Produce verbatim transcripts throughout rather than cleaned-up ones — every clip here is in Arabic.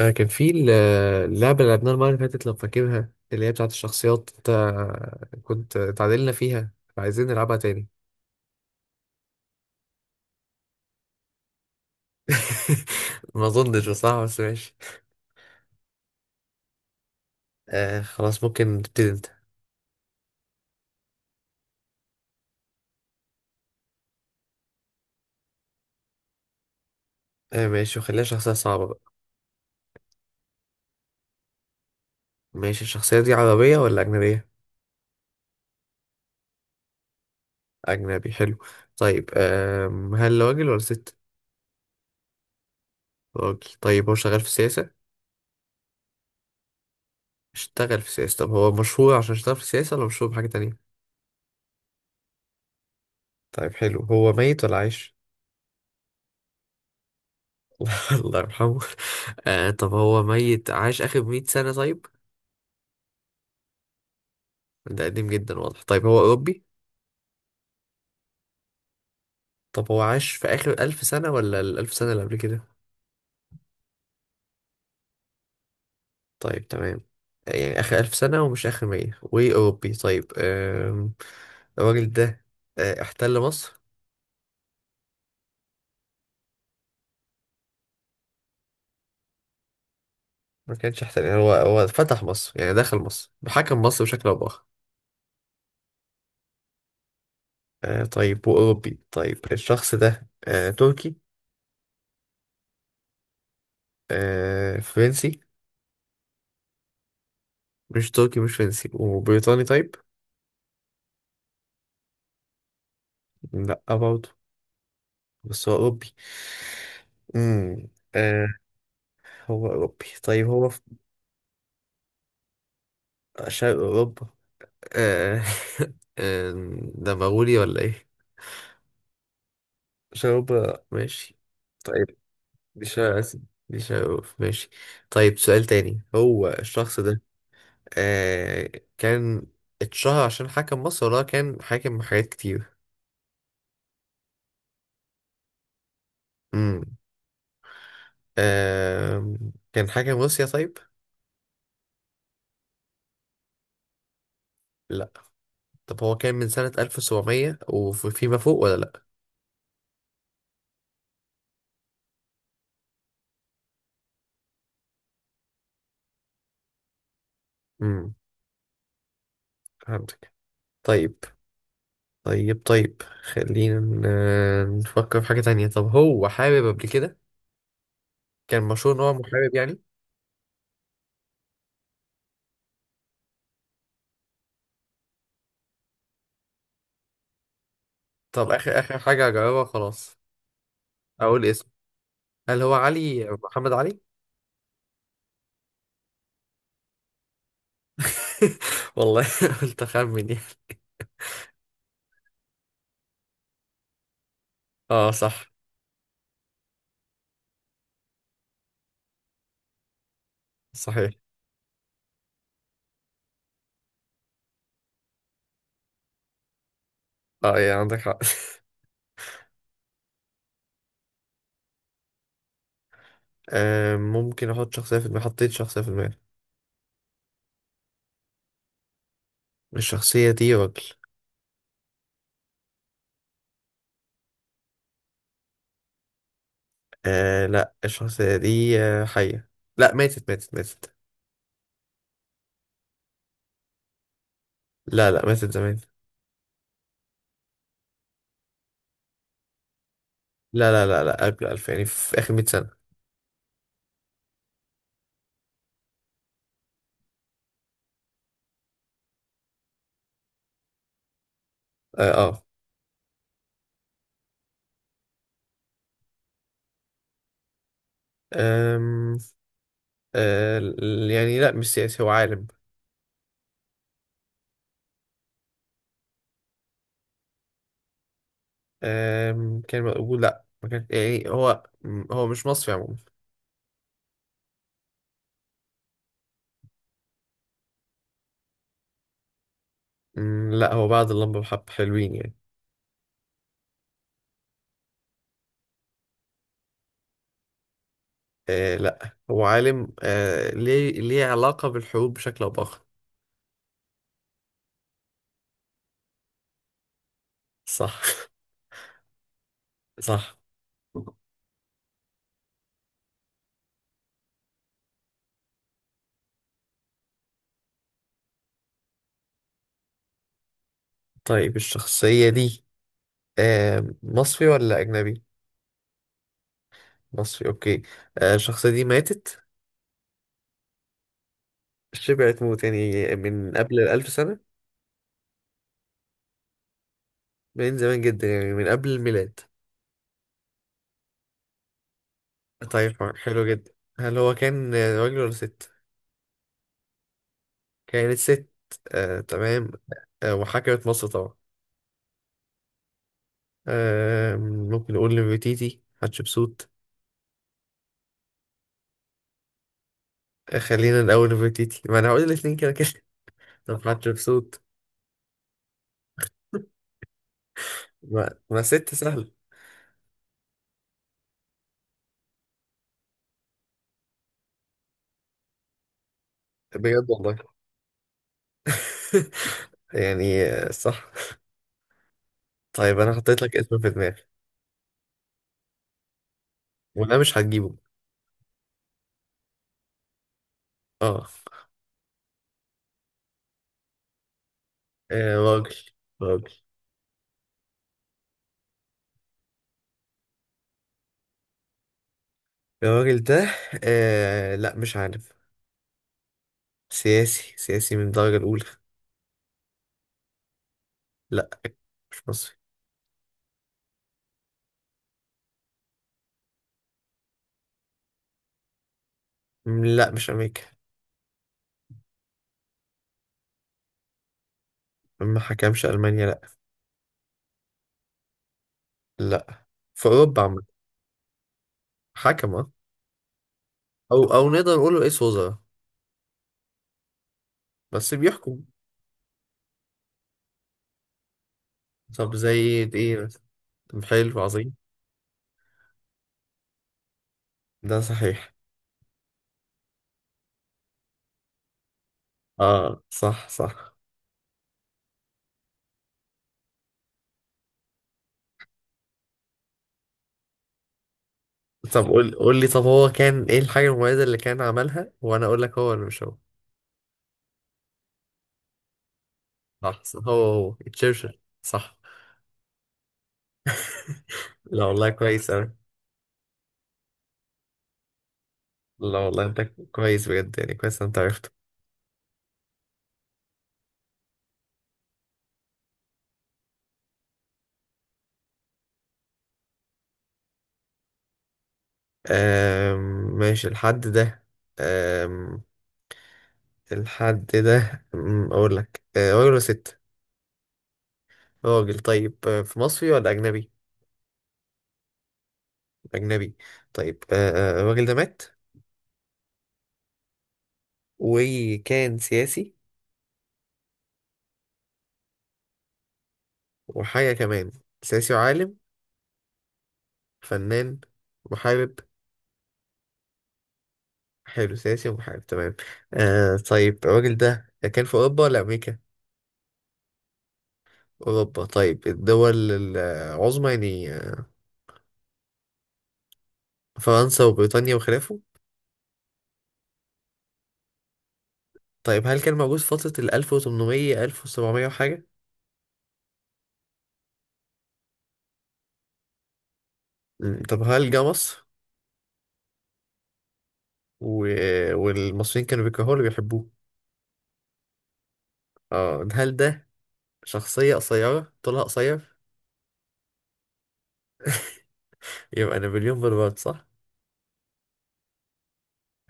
آه، كان في ال- اللعبة اللي لعبناها المرة اللي فاتت لو فاكرها اللي هي بتاعة الشخصيات. انت كنت اتعادلنا فيها فعايزين نلعبها تاني. ما اظنش بصراحة بس ماشي. آه خلاص، ممكن تبتدي انت. آه ماشي، وخليها شخصية صعبة بقى. ماشي، الشخصية دي عربية ولا أجنبية؟ أجنبي، حلو. طيب آم، هل راجل ولا ست؟ راجل. طيب هو شغال في السياسة؟ اشتغل في السياسة. طب هو مشهور عشان اشتغل في السياسة ولا مشهور بحاجة تانية؟ طيب حلو، هو ميت ولا عايش؟ الله يرحمه. آه، طب هو ميت عاش آخر مية سنة؟ طيب ده قديم جدا واضح. طيب هو أوروبي؟ طب هو عاش في آخر ألف سنة ولا الألف سنة اللي قبل كده؟ طيب تمام، يعني آخر ألف سنة ومش آخر مية وأوروبي. طيب آم، الراجل ده آه، احتل مصر؟ ما كانش احتل يعني، هو هو فتح مصر يعني، دخل مصر، حكم مصر بشكل أو بآخر. آه طيب، وأوروبي. طيب الشخص ده آه تركي؟ آه فرنسي؟ مش تركي مش فرنسي وبريطاني؟ طيب لا برضه. بس هو أوروبي. امم آه، هو أوروبي. طيب هو في شرق أوروبا. آه آه، ده مغولي ولا إيه؟ شرق أوروبا ماشي. طيب دي شرق آسيا، دي شرق أوروبا ماشي. طيب سؤال تاني، هو الشخص ده آه كان اتشهر عشان حكم مصر ولا هو كان حاكم حاجات كتير؟ امم آه، كان حاكم روسيا طيب؟ لا. طب هو كان من سنة ألف وسبعمية وفيما فوق ولا لأ؟ امم فهمت. طيب طيب طيب خلينا ن- نفكر في حاجة تانية. طب هو حابب قبل كده كان مشهور إن هو محارب يعني؟ طب آخر آخر حاجة أجاوبها خلاص، أقول اسمه. هل هو علي محمد علي؟ والله قلت أخمن يعني. اه صح. صحيح. اه يعني عندك حق. آه ممكن أحط شخصية في دماغي. حطيت شخصية في دماغي. الشخصية دي راجل. آه لا، الشخصية دي آه، حية. لا، ماتت ماتت ماتت. لا لا ماتت زمان. لا لا لا لا قبل ألفين يعني، في آخر مية سنة. اه آه. أم... آه. ال- يعني لا مش سياسي، هو عالم. أم... كان بقول لا ما كان يعني، هو م- هو مش مصري عموما. م، لا، هو بعد اللمبة بحب حلوين يعني. آه. لا هو عالم آه. ليه ليه علاقة بالحروب بشكل أو بآخر. صح صح. طيب الشخصية دي آه. مصري ولا أجنبي؟ مصري، أوكي. آه. الشخصية دي ماتت. شبعت موت يعني من قبل الألف سنة. من زمان جدا، يعني من قبل الميلاد. طيب حلو جدا، هل هو كان راجل ولا ست؟ كانت ست. آه، تمام. آه، وحكمت مصر طبعا. آه، ممكن نقول نفرتيتي، حتشبسوت. آه، خلينا الأول نفرتيتي، ما أنا هقول الاتنين كده كده. طب حتشبسوت. ما, ما ست سهل. بجد والله. يعني آه، صح. طيب أنا حطيت لك اسم في دماغي وأنا مش هتجيبه. اه آه، راجل. راجل. الراجل ده آه، لا مش عارف. سياسي، سياسي من الدرجة الأولى. لا مش مصري. م، لا مش امريكا. ما حكمش المانيا لا. لا، في اوروبا عم. حكم آه. او او نقدر نقول رئيس وزراء. بس بيحكم. طب زي ايه، إيه مثلا؟ طب حلو عظيم. ده صحيح. اه صح صح. طب قول قول لي، طب هو كان ايه الحاجة المميزة اللي كان عملها وانا اقول لك هو ولا مش هو. صح صح، هو هو تشرشل صح. لا والله كويس اوي. لا والله انت كويس بجد، يعني كويس إن انت عرفته. آم، ماشي. الحد ده، الحد ده أمم، اقول لك آه، راجل ولا ست؟ راجل. طيب آه، في مصري ولا اجنبي؟ اجنبي. طيب آه، آه، آه، الراجل ده مات وكان سياسي وحاجه كمان. سياسي وعالم؟ فنان؟ محارب؟ حلو، سياسي ومحارب تمام. آه طيب، الراجل ده كان في اوروبا ولا امريكا؟ اوروبا طيب. الدول العظمى يعني، آه، فرنسا وبريطانيا وخلافه. طيب هل كان موجود في فترة ال ألف وتمنمية ألف وسبعمية وحاجة؟ مم، طب هل جه مصر؟ و... والمصريين كانوا بيكرهوه اللي بيحبوه؟ اه. هل ده شخصية قصيرة، طولها قصير؟ يبقى نابليون بونابرت صح.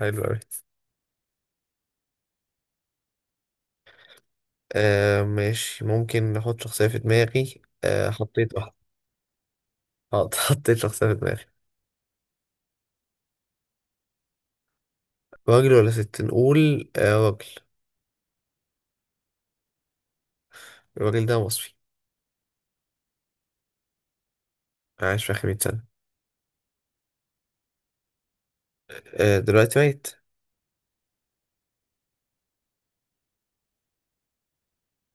حلو أوي. آه ماشي، ممكن نحط شخصية في دماغي. آه حطيت واحدة. آه، حطيت شخصية في دماغي. راجل ولا ست؟ نقول آه راجل. الراجل ده مصري. عاش في آخر مية سنة. آه دلوقتي ميت.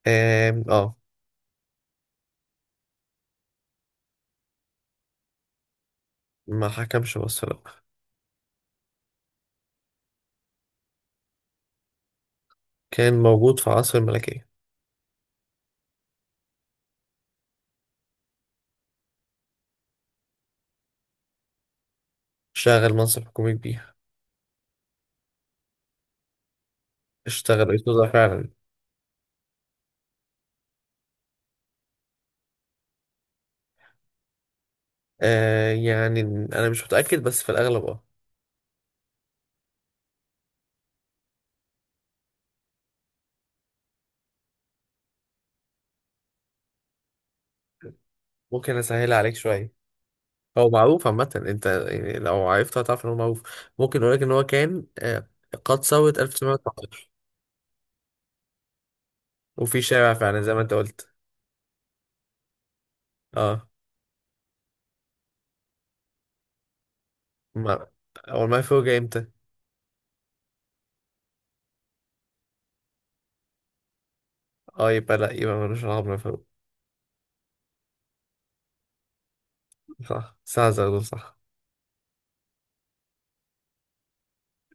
آم، اه. ما حكمش مصر لأ. كان موجود في عصر الملكية. شغل منصب حكومي كبير. اشتغل رئيس وزراء فعلا. آه يعني انا مش متاكد بس في الاغلب اه. ممكن اسهل عليك شويه. هو معروف عامه، انت يعني لو عرفته هتعرف ان هو معروف. ممكن اقول لك ان هو كان آه قد ثورة ألف وتسعمية وتسعتاشر. وفي شارع فعلا زي ما انت قلت. اه. ما هو المفروض جاي امتى؟ اه، يبقى لا يبقى ملوش علاقه بالمفروض. صح، ساعه زغلول صح.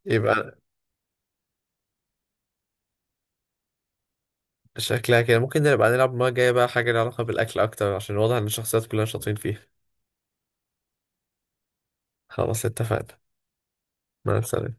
يبقى شكلها كده ممكن نبقى نلعب المره الجايه بقى حاجه لها علاقه بالاكل اكتر، عشان واضح ان الشخصيات كلها شاطرين فيها. خلاص اتفقنا. مع السلامه.